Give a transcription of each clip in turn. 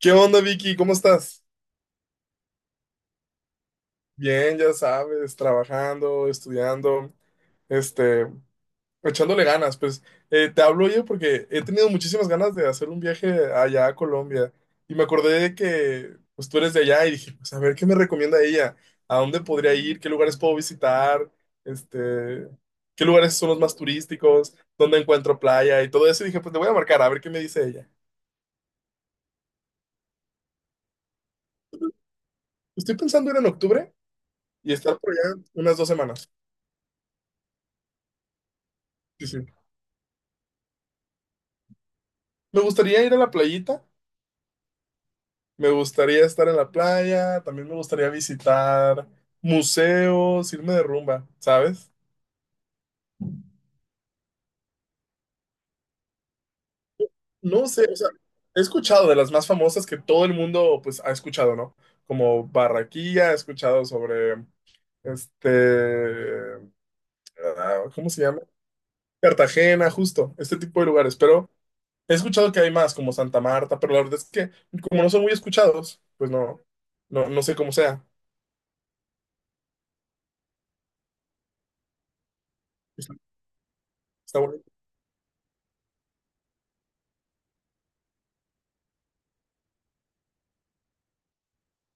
¿Qué onda, Vicky? ¿Cómo estás? Bien, ya sabes, trabajando, estudiando, este, echándole ganas. Pues te hablo yo porque he tenido muchísimas ganas de hacer un viaje allá a Colombia y me acordé de que pues, tú eres de allá y dije, pues a ver, ¿qué me recomienda ella? ¿A dónde podría ir? ¿Qué lugares puedo visitar? Este, ¿Qué lugares son los más turísticos? ¿Dónde encuentro playa? Y todo eso. Y dije, pues te voy a marcar, a ver qué me dice ella. Estoy pensando ir en octubre y estar por allá unas 2 semanas. Sí, sí. Me gustaría ir a la playita, me gustaría estar en la playa, también me gustaría visitar museos, irme de rumba, ¿sabes? No sé, o sea, he escuchado de las más famosas que todo el mundo pues ha escuchado, ¿no? Como Barraquilla, he escuchado sobre este, ah, ¿cómo se llama? Cartagena, justo, este tipo de lugares, pero he escuchado que hay más como Santa Marta, pero la verdad es que como no son muy escuchados, pues no, no sé cómo sea. Está, está bonito,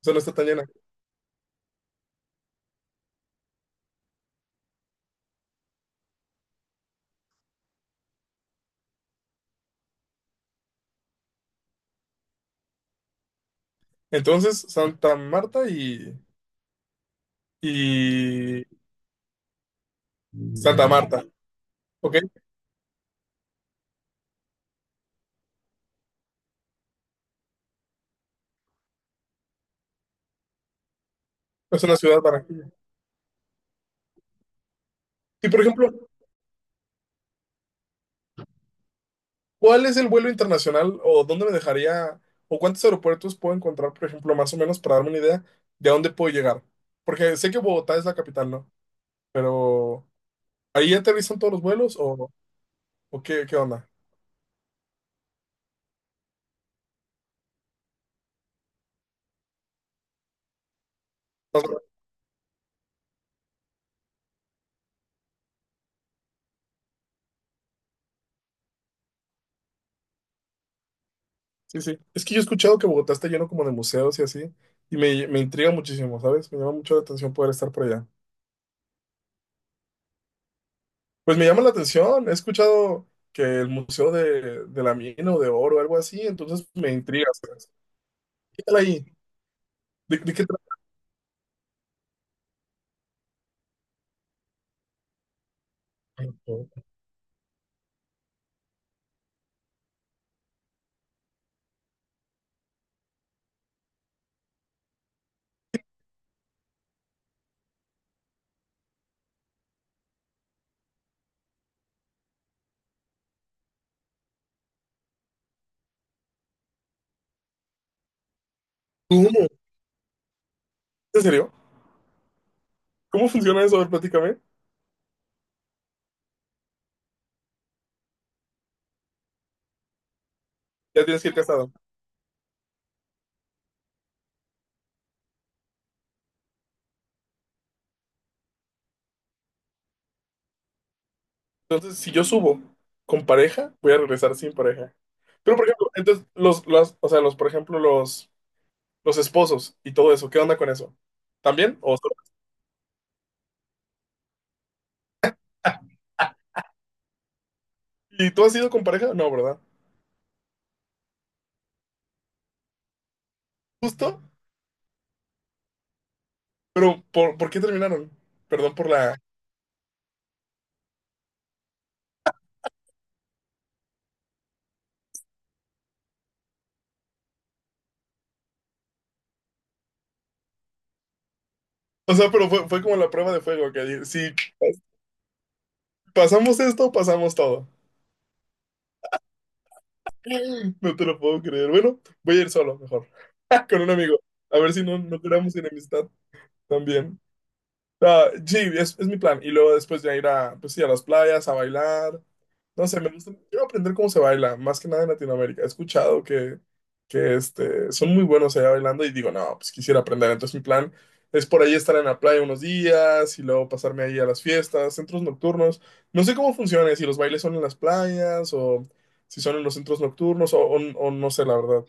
o sea, no está tan llena. Entonces, Santa Marta y Santa Marta, ¿ok? Es una ciudad Barranquilla. Y por ejemplo, ¿cuál es el vuelo internacional o dónde me dejaría o cuántos aeropuertos puedo encontrar, por ejemplo, más o menos para darme una idea de a dónde puedo llegar? Porque sé que Bogotá es la capital, ¿no? Pero ¿ahí aterrizan todos los vuelos o qué, qué onda? Más o menos. Sí, sí. Es que yo he escuchado que Bogotá está lleno como de museos y así, y me intriga muchísimo, ¿sabes? Me llama mucho la atención poder estar por allá. Pues me llama la atención. He escuchado que el Museo de la Mina o de Oro, algo así, entonces me intriga. ¿Sabes? ¿Qué tal ahí? De qué trata? ¿Cómo? ¿En serio? ¿Cómo funciona eso? A ver, platícame. Ya tienes que ir casado. Entonces, si yo subo con pareja, voy a regresar sin pareja. Pero, por ejemplo, entonces, los o sea, los, por ejemplo, los esposos y todo eso, ¿qué onda con eso? ¿También? ¿O solo? ¿Y tú has ido con pareja? No, ¿verdad? Justo, pero por qué terminaron? Perdón por la... O sea, pero fue como la prueba de fuego, que dije, si pas- pasamos esto, pasamos todo. No te lo puedo creer. Bueno, voy a ir solo, mejor. Con un amigo. A ver si no, no creamos enemistad también. Ah, sí, es mi plan. Y luego después ya ir a, pues sí, a las playas, a bailar. No sé, me gusta. Quiero aprender cómo se baila, más que nada en Latinoamérica. He escuchado que este, son muy buenos allá bailando y digo, no, pues quisiera aprender. Entonces mi plan es por ahí estar en la playa unos días y luego pasarme ahí a las fiestas, centros nocturnos. No sé cómo funciona, si los bailes son en las playas o si son en los centros nocturnos o no sé, la verdad.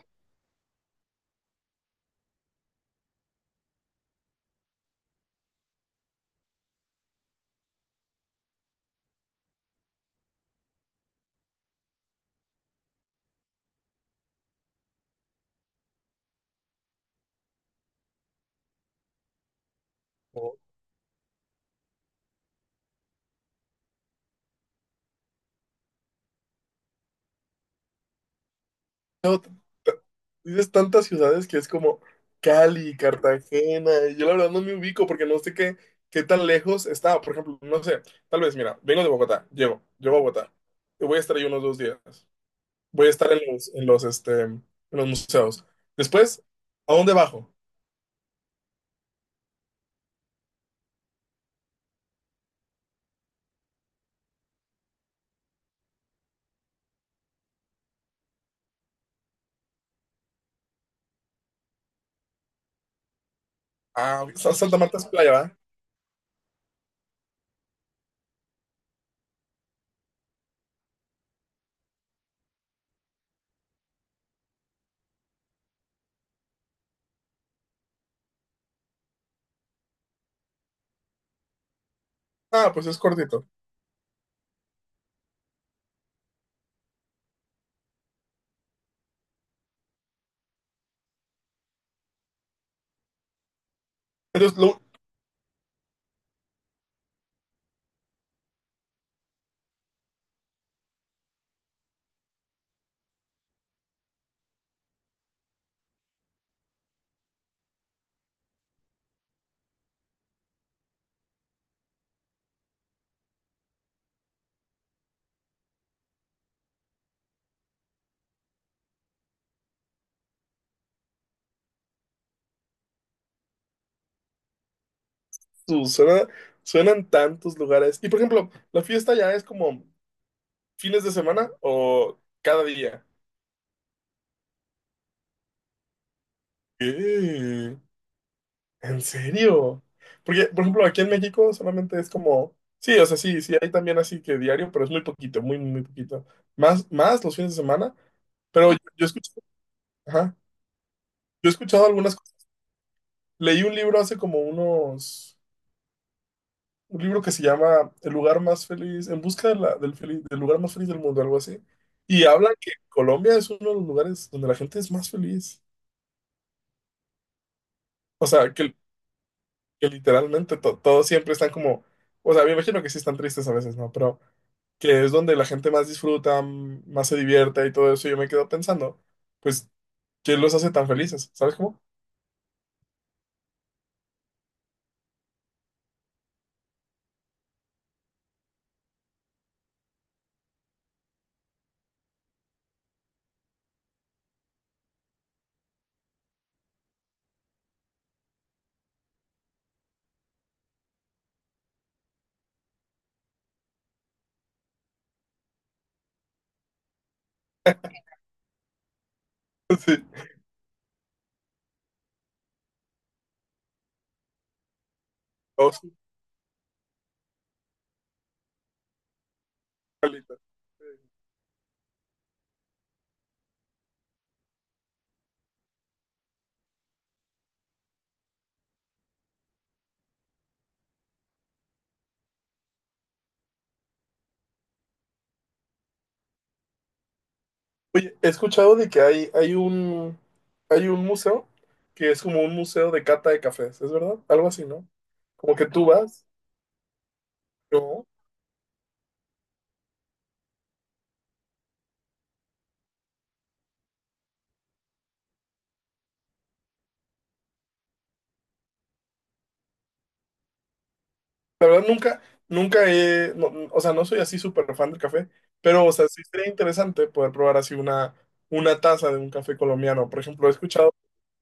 No, dices tantas ciudades que es como Cali, Cartagena, y yo la verdad no me ubico porque no sé qué tan lejos está. Por ejemplo, no sé, tal vez, mira, vengo de Bogotá, llego, llego a Bogotá, y voy a estar ahí unos 2 días, voy a estar en este, en los museos. Después, ¿a dónde bajo? Ah, Santa Marta es playa, ¿va? Ah, pues es cortito. Pero lo- su- suena- Suenan tantos lugares. Y por ejemplo, ¿la fiesta ya es como fines de semana o cada día? ¿Qué? ¿En serio? Porque, por ejemplo, aquí en México solamente es como, sí, o sea, sí, sí, hay también así que diario, pero es muy poquito, muy, muy poquito. Más los fines de semana, pero yo he escuchado, ajá, yo he escuchado algunas cosas. Leí un libro hace como unos, un libro que se llama El lugar más feliz, en busca de del lugar más feliz del mundo, algo así. Y habla que Colombia es uno de los lugares donde la gente es más feliz. O sea, que literalmente todos siempre están como, o sea, me imagino que sí están tristes a veces, ¿no? Pero... que es donde la gente más disfruta, más se divierte y todo eso, yo me quedo pensando, pues, ¿qué los hace tan felices? ¿Sabes cómo? Sí, o sus palitas. Oye, he escuchado de que hay un museo que es como un museo de cata de cafés, ¿es verdad? Algo así, ¿no? Como que tú vas, yo, la verdad nunca, nunca he, no- no, o sea, no soy así súper fan del café, pero, o sea, sí sería interesante poder probar así una taza de un café colombiano. Por ejemplo, he escuchado.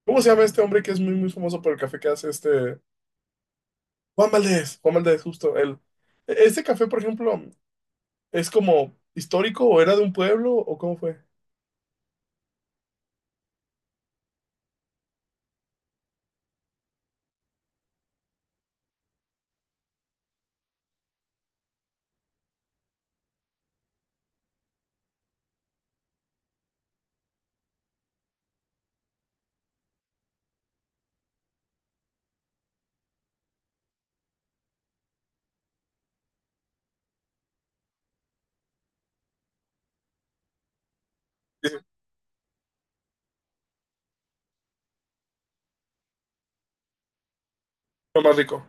¿Cómo se llama este hombre que es muy, muy famoso por el café que hace este? Juan Valdez, Juan Valdez, justo él. ¿Ese café, por ejemplo, es como histórico o era de un pueblo o cómo fue? Sí, lo más rico.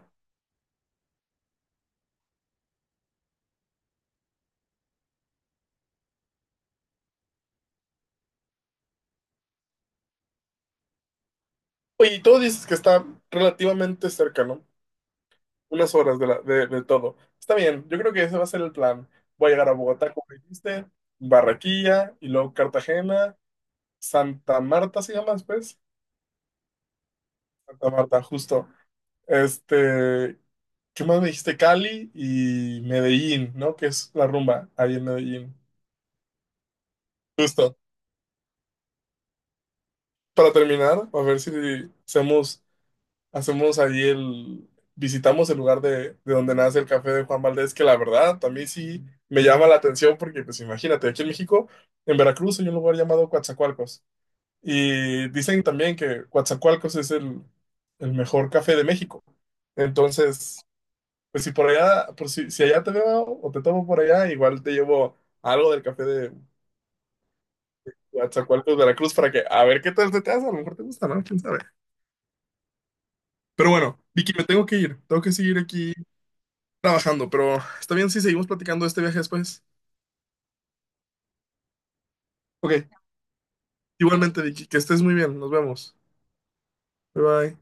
Oye, y tú dices que está relativamente cerca, ¿no? Unas horas de todo. Está bien, yo creo que ese va a ser el plan. Voy a llegar a Bogotá, como dijiste, Barranquilla, y luego Cartagena, Santa Marta se llama después. Santa Marta, justo. Este, ¿qué más me dijiste? Cali y Medellín, ¿no? Que es la rumba ahí en Medellín. Justo. Para terminar, a ver si hacemos, hacemos ahí el, visitamos el lugar de donde nace el café de Juan Valdés, que la verdad también sí me llama la atención porque, pues imagínate, aquí en México, en Veracruz hay un lugar llamado Coatzacoalcos. Y dicen también que Coatzacoalcos es el mejor café de México. Entonces, pues si por allá, por si, si allá te veo o te tomo por allá, igual te llevo algo del café de Coatzacoalcos, Veracruz, para que a ver qué tal se te hace. A lo mejor te gusta, ¿no? ¿Quién sabe? Pero bueno, Vicky, me tengo que ir. Tengo que seguir aquí trabajando, pero está bien si seguimos platicando de este viaje después. Ok, igualmente, Vicky, que estés muy bien. Nos vemos. Bye bye.